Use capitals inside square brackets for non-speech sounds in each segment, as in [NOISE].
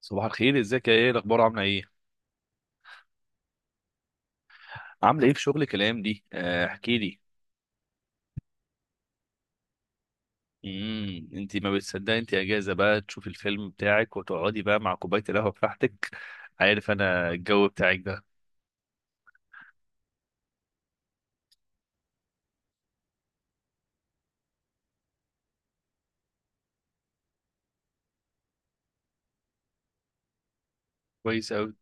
صباح الخير، ازيك يا ايه؟ الاخبار، عامله ايه؟ عامله ايه في شغلك الايام دي؟ احكي لي. انت ما بتصدقي، انت اجازه بقى تشوفي الفيلم بتاعك وتقعدي بقى مع كوبايه القهوه بتاعتك. عارف انا الجو بتاعك ده. كويس قوي.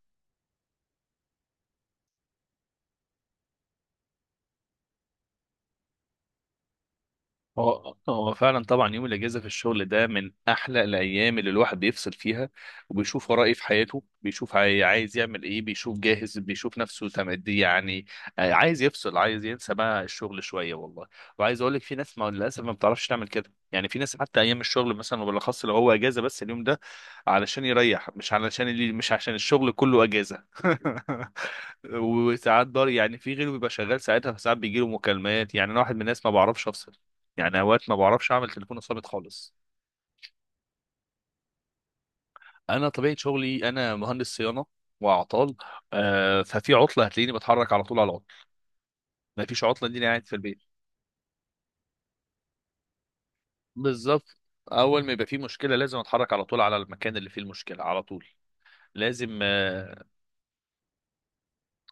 هو هو فعلا، طبعا يوم الاجازه في الشغل ده من احلى الايام اللي الواحد بيفصل فيها، وبيشوف وراه ايه في حياته، بيشوف عايز يعمل ايه، بيشوف جاهز، بيشوف نفسه تمدي يعني. عايز يفصل، عايز ينسى بقى الشغل شويه والله. وعايز اقول لك في ناس، ما للاسف ما بتعرفش تعمل كده، يعني في ناس حتى ايام الشغل مثلا، وبالاخص لو هو اجازه، بس اليوم ده علشان يريح، مش علشان اللي مش عشان الشغل كله اجازه. [LAUGHS] وساعات ضار، يعني في غيره بيبقى شغال ساعتها، فساعات بيجيله مكالمات. يعني انا واحد من الناس ما بعرفش افصل، يعني اوقات ما بعرفش اعمل تليفون ثابت خالص. انا طبيعه شغلي، انا مهندس صيانه واعطال. ففي عطله هتلاقيني بتحرك على طول على العطل، ما فيش عطله دي قاعد في البيت. بالظبط. اول ما يبقى في مشكله، لازم اتحرك على طول على المكان اللي فيه المشكله على طول. لازم، آه.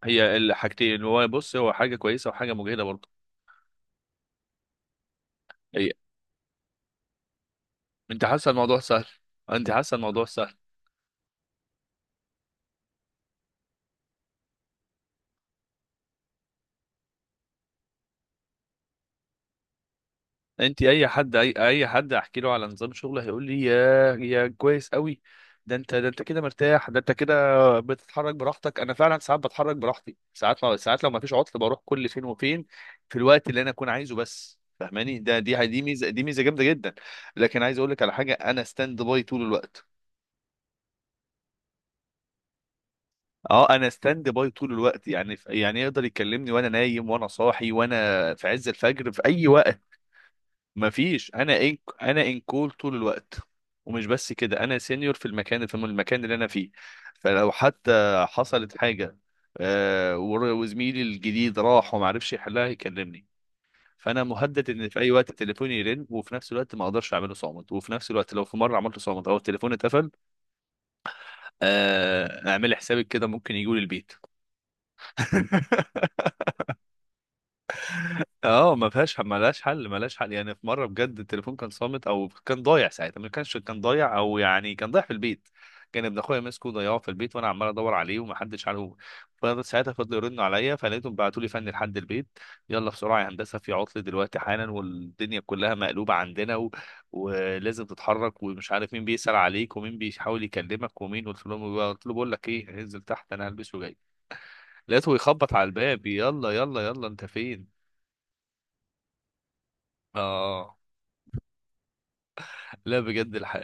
هي الحاجتين، هو بص، هو حاجه كويسه وحاجه مجهده برضه. هي، انت حاسه الموضوع سهل؟ انت حاسه الموضوع سهل؟ انت اي حد، اي حد احكي له على نظام شغله هيقول لي يا كويس قوي. ده انت كده مرتاح، ده انت كده بتتحرك براحتك. انا فعلا ساعات بتحرك براحتي، ساعات لو ما فيش عطل بروح كل فين وفين. في الوقت اللي انا اكون عايزه، بس فاهماني؟ ده دي دي ميزه دي ميزه جامده جدا. لكن عايز اقول لك على حاجه، انا ستاند باي طول الوقت. اه، انا ستاند باي طول الوقت، يعني يقدر يكلمني وانا نايم وانا صاحي وانا في عز الفجر في اي وقت. مفيش. انا ان كول طول الوقت. ومش بس كده، انا سينيور في المكان، اللي انا فيه. فلو حتى حصلت حاجه، وزميلي الجديد راح وما عرفش يحلها يكلمني. فانا مهدد ان في اي وقت تليفوني يرن، وفي نفس الوقت ما اقدرش اعمله صامت، وفي نفس الوقت لو في مره عملته صامت او التليفون اتقفل، اعمل حسابك كده ممكن يجوا لي البيت. [LAUGHS] اه، ما لهاش حل، ما لهاش حل. يعني في مره بجد التليفون كان صامت او كان ضايع ساعتها، ما كانش، كان ضايع، او يعني كان ضايع في البيت. كان ابن اخويا ماسكه وضيعه في البيت، وانا عمال ادور عليه ومحدش عارفه. فساعتها فضلوا يرنوا عليا، فلقيتهم بعتوا لي فني لحد البيت. يلا بسرعه يا هندسه، في عطل دلوقتي حالا، والدنيا كلها مقلوبه عندنا و... ولازم تتحرك، ومش عارف مين بيسأل عليك ومين بيحاول يكلمك ومين. قلت له بقول لك ايه، انزل تحت، انا هلبس وجاي. لقيته يخبط على الباب، يلا يلا يلا انت فين؟ اه، لا بجد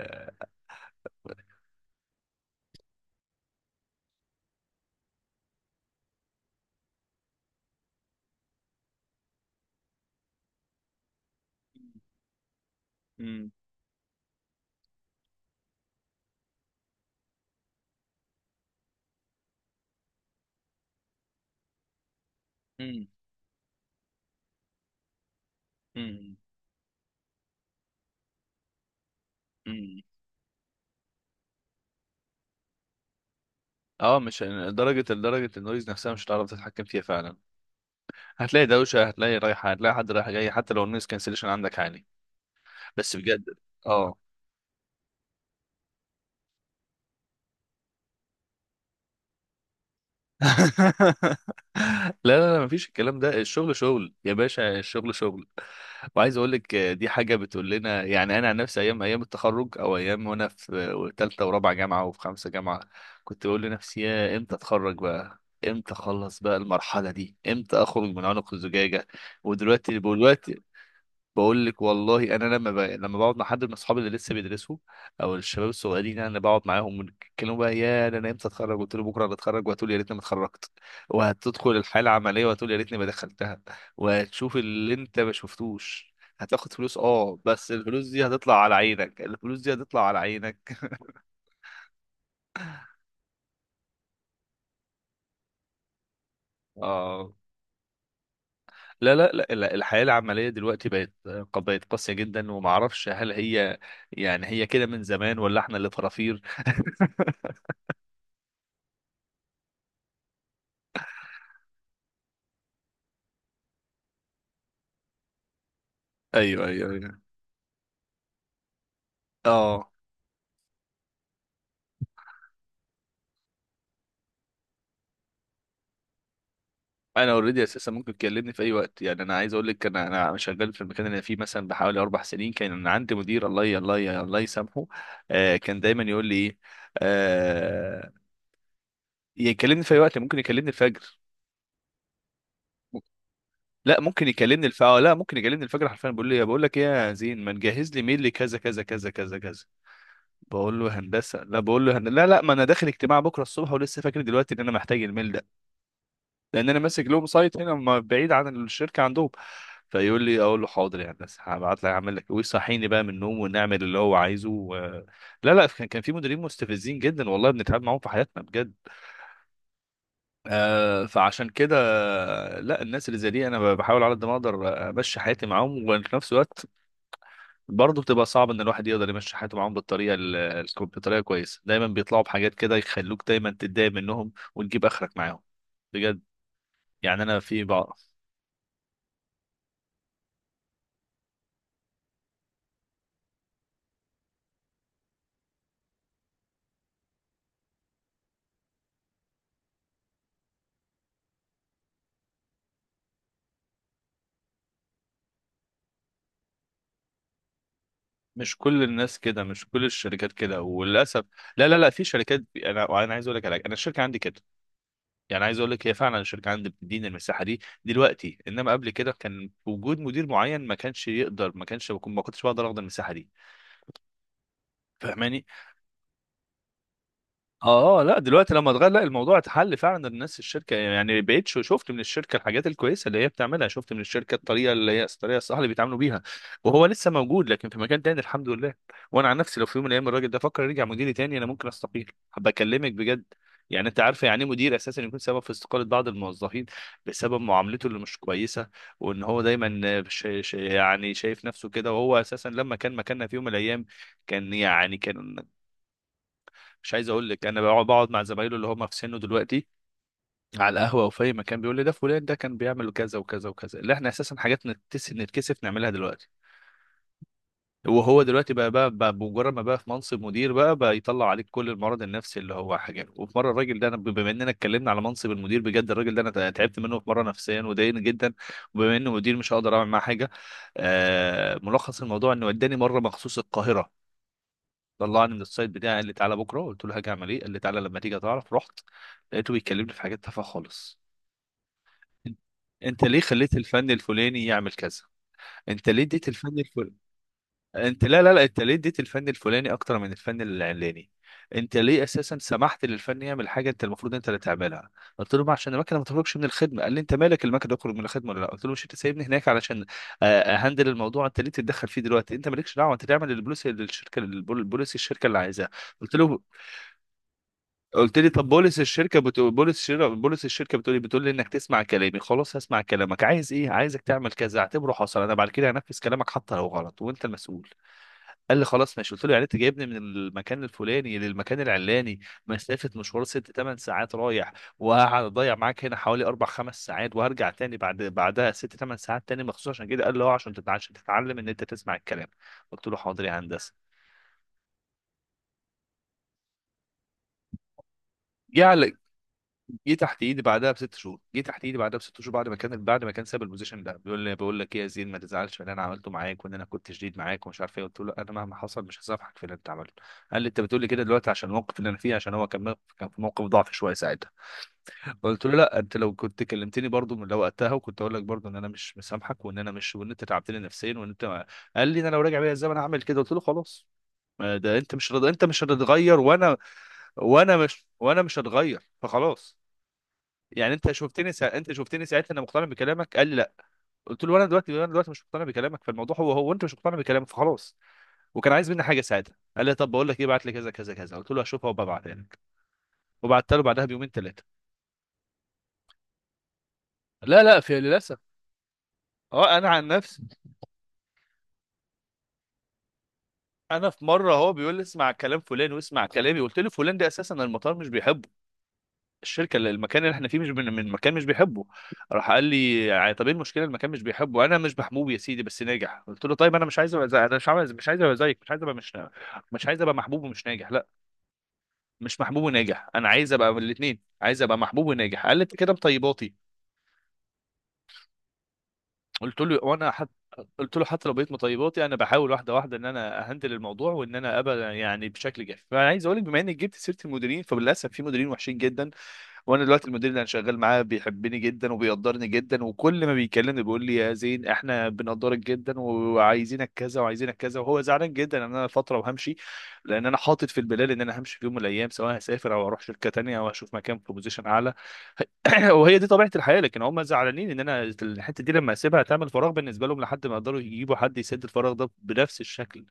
مم. مم. مم. مم. اه، مش لدرجة النويز نفسها مش هتعرف تتحكم فيها فعلا. هتلاقي دوشة، هتلاقي رايحة، هتلاقي حد رايح جاي، حتى لو النويز كانسليشن عندك عالي. بس بجد. اه. [LAUGHS] لا لا لا، مفيش الكلام ده، الشغل شغل يا باشا، الشغل شغل. وعايز اقول لك، دي حاجه بتقول لنا. يعني انا عن نفسي ايام التخرج، او ايام وانا في ثالثه ورابعه جامعه، وفي خمسه جامعه. كنت بقول لنفسي، يا امتى اتخرج بقى؟ امتى اخلص بقى المرحله دي؟ امتى اخرج من عنق الزجاجه؟ ودلوقتي بقول لك والله، انا لما بقعد مع حد من اصحابي اللي لسه بيدرسوا، او الشباب الصغيرين، يعني انا بقعد معاهم ونتكلموا بقى، يا ده انا امتى اتخرج؟ قلت له بكره هتخرج وهتقول يا ريتني ما اتخرجت. وهتدخل الحاله العمليه وهتقول يا ريتني ما دخلتها. وهتشوف اللي انت ما شفتوش. هتاخد فلوس، اه، بس الفلوس دي هتطلع على عينك، الفلوس دي هتطلع على عينك. [LAUGHS] اه، لا لا لا لا، الحياة العملية دلوقتي بقت، قاسية جدا. ومعرفش هل هي، يعني هي كده من زمان، ولا احنا اللي فرافير؟ [LAUGHS] ايوه ايوه ايوه. اه، انا اوريدي اساسا ممكن تكلمني في اي وقت. يعني انا عايز اقول لك، انا شغال في المكان اللي انا فيه مثلا بحوالي 4 سنين. كان عندي مدير، الله يسامحه. كان دايما يقول لي ايه؟ آه يكلمني في اي وقت، ممكن يكلمني الفجر. لا ممكن يكلمني الف آه، لا، ممكن يكلمني الفجر حرفيا، بيقول لي بقول لك ايه يا زين، ما تجهز لي ميل لكذا كذا كذا كذا كذا. بقول له هندسه لا، لا لا، ما انا داخل اجتماع بكره الصبح، ولسه فاكر دلوقتي ان انا محتاج الميل. لان انا ماسك لهم سايت هنا بعيد عن الشركه عندهم. فيقول لي، اقول له حاضر يا هندسه، هبعت لك اعمل لك. ويصحيني بقى من النوم، ونعمل اللي هو عايزه و... لا لا، كان في مديرين مستفزين جدا والله، بنتعب معاهم في حياتنا بجد. فعشان كده لا، الناس اللي زي دي انا بحاول على قد ما اقدر امشي حياتي معاهم. وفي نفس الوقت برضه بتبقى صعب ان الواحد يقدر يمشي حياته معاهم بطريقه كويسه. دايما بيطلعوا بحاجات كده يخلوك دايما تتضايق منهم وتجيب اخرك معاهم بجد. يعني انا في بعض مش كل الناس كده، مش كل الشركات كده وللاسف. لا لا لا، انا عايز اقول لك على حاجة. انا الشركه عندي كده. يعني عايز اقول لك، هي فعلا الشركه عندي بتديني المساحه دي دلوقتي، انما قبل كده كان وجود مدير معين ما كانش يقدر، ما كانش بكون- ما كنتش بقدر اخد المساحه دي. فاهماني؟ اه لا، دلوقتي لما اتغير، لا الموضوع اتحل فعلا. الناس الشركه، يعني بقيت شفت من الشركه الحاجات الكويسه اللي هي بتعملها، شفت من الشركه الطريقه اللي هي الطريقه الصح اللي بيتعاملوا بيها. وهو لسه موجود لكن في مكان تاني الحمد لله. وانا عن نفسي لو في يوم من الايام الراجل ده فكر يرجع مديري تاني، انا ممكن استقيل. بكلمك بجد. يعني انت عارفه يعني ايه مدير اساسا يكون سبب في استقاله بعض الموظفين بسبب معاملته اللي مش كويسه. وان هو دايما يعني شايف نفسه كده، وهو اساسا لما كان مكاننا في يوم من الايام كان، يعني. مش عايز اقول لك، انا بقعد مع زمايله اللي هم في سنه دلوقتي على القهوه او في اي مكان، بيقول لي ده فلان ده كان بيعمل كذا وكذا وكذا، اللي احنا اساسا حاجات نتكسف نعملها دلوقتي. وهو دلوقتي بقى بمجرد ما بقى في منصب مدير بقى يطلع عليك كل المرض النفسي اللي هو حاجه. وفي مره الراجل ده، انا بما اننا اتكلمنا على منصب المدير بجد، الراجل ده انا تعبت منه في مره نفسيا وضايقني جدا. وبما انه مدير مش هقدر اعمل معاه حاجه. ملخص الموضوع انه وداني مره مخصوص القاهره. طلعني من السايت بتاعي، قال لي تعالى بكره، قلت له هاجي اعمل ايه؟ قال لي تعالى لما تيجي تعرف. رحت لقيته بيكلمني في حاجات تافهه خالص. انت ليه خليت الفن الفلاني يعمل كذا؟ انت ليه اديت الفن الفلاني؟ لا لا لا، انت ليه اديت الفن الفلاني اكتر من الفن العلاني؟ انت ليه اساسا سمحت للفن يعمل حاجه؟ انت المفروض انت اللي تعملها. قلت له ما عشان المكنه ما تخرجش من الخدمه. قال لي انت مالك، المكنه تخرج من الخدمه ولا لا؟ قلت له مش انت سايبني هناك علشان، اهندل الموضوع؟ انت ليه تتدخل فيه دلوقتي؟ انت مالكش دعوه. انت تعمل البوليسي للشركه، البوليسي الشركه اللي عايزاه. قلت له، قلت لي طب بوليس الشركه بتقول، بوليس الشركه بتقول لي انك تسمع كلامي. خلاص هسمع كلامك. عايز ايه؟ عايزك تعمل كذا؟ اعتبره حصل. انا بعد كده هنفذ كلامك حتى لو غلط وانت المسؤول. قال لي خلاص ماشي. قلت له يعني انت جايبني من المكان الفلاني للمكان العلاني، مسافه، مشوار 6 8 ساعات رايح، وهقعد اضيع معاك هنا حوالي 4 5 ساعات، وهرجع تاني بعدها 6 8 ساعات تاني مخصوص عشان كده. قال له اه، عشان تتعلم ان انت تسمع الكلام. قلت له حاضر يا هندسه. يعني جه تحت ايدي بعدها بست شهور، بعد ما كان ساب البوزيشن ده، بيقول لي بقول لك ايه يا زين، ما تزعلش من اللي انا عملته معاك، وان انا كنت شديد معاك ومش عارف ايه. قلت له انا مهما حصل مش هسامحك في اللي انت عملته. قال لي انت بتقول لي كده دلوقتي عشان الموقف اللي انا فيه، عشان هو كان كان في موقف ضعف شويه ساعتها. قلت له لا، انت لو كنت كلمتني برضو لو وقتها، وكنت اقول لك برضو ان انا مش مسامحك، وان انا مش وان انت تعبتني نفسيا، وان انت ما... قال لي انا لو راجع بيا الزمن اعمل كده. قلت له خلاص، ما ده انت مش رض... انت مش هتتغير، وانا مش هتغير فخلاص. يعني انت شفتني ساعتها انا مقتنع بكلامك؟ قال لي لا. قلت له انا دلوقتي مش مقتنع بكلامك، فالموضوع هو هو، وانت مش مقتنع بكلامك فخلاص. وكان عايز مني حاجه ساعتها، قال لي طب بقول لك ايه، بعت لي كذا كذا كذا. قلت له هشوفها وببعتها لك. وبعت له بعدها بيومين ثلاثه. لا لا، في للاسف. اه، انا عن نفسي، انا في مره هو بيقول لي اسمع كلام فلان واسمع كلامي. قلت له فلان ده اساسا المطار مش بيحبه. الشركه اللي المكان اللي احنا فيه مش من مكان مش بيحبه. راح قال لي طب ايه المشكله؟ المكان مش بيحبه، انا مش محبوب يا سيدي بس ناجح. قلت له طيب انا مش عايز ابقى زي... انا مش عايز ابقى زيك، مش عايز ابقى محبوب ومش ناجح، لا. مش محبوب وناجح، انا عايز ابقى من الاثنين، عايز ابقى محبوب وناجح. قال لي انت كده مطيباتي. قلت له قلت له حتى لو بقيت مطيباتي، انا بحاول واحده واحده ان انا اهندل الموضوع، وان انا ابقى يعني بشكل جاف. فانا عايز اقول لك بما انك جبت سيره المديرين، فللاسف في مديرين وحشين جدا. وانا دلوقتي المدير اللي انا شغال معاه بيحبني جدا وبيقدرني جدا. وكل ما بيكلمني بيقول لي يا زين احنا بنقدرك جدا وعايزينك كذا وعايزينك كذا. وهو زعلان جدا ان انا فتره وهمشي، لان انا حاطط في البلال ان انا همشي في يوم من الايام، سواء هسافر او اروح شركه تانية او اشوف مكان في بوزيشن اعلى. [CLEARS THROAT] وهي دي طبيعه الحياه. لكن هم زعلانين ان انا الحته دي لما اسيبها تعمل فراغ بالنسبه لهم، لحد ما يقدروا يجيبوا حد يسد الفراغ ده بنفس الشكل.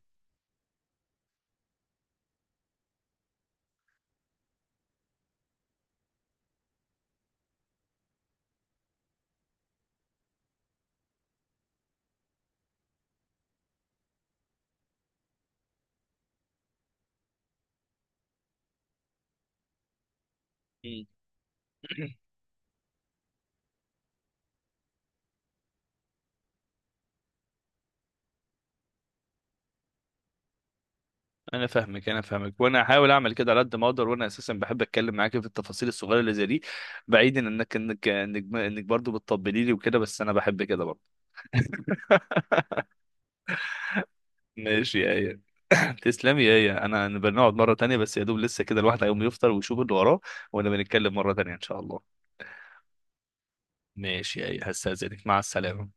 مم. انا فاهمك انا فاهمك. وانا هحاول اعمل كده على قد ما اقدر، وانا اساسا بحب اتكلم معاك في التفاصيل الصغيره اللي زي دي. بعيدا إنك برضو بتطبلي لي وكده، بس انا بحب كده برضو. [LAUGHS] ماشي يا ايه. [COUGHS] تسلمي يا ايه، انا بنقعد مره تانية. بس يا دوب لسه كده الواحد هيقوم يفطر ويشوف اللي وراه، وانا بنتكلم مره تانية ان شاء الله. ماشي يا ايه، هستاذنك، مع السلامه.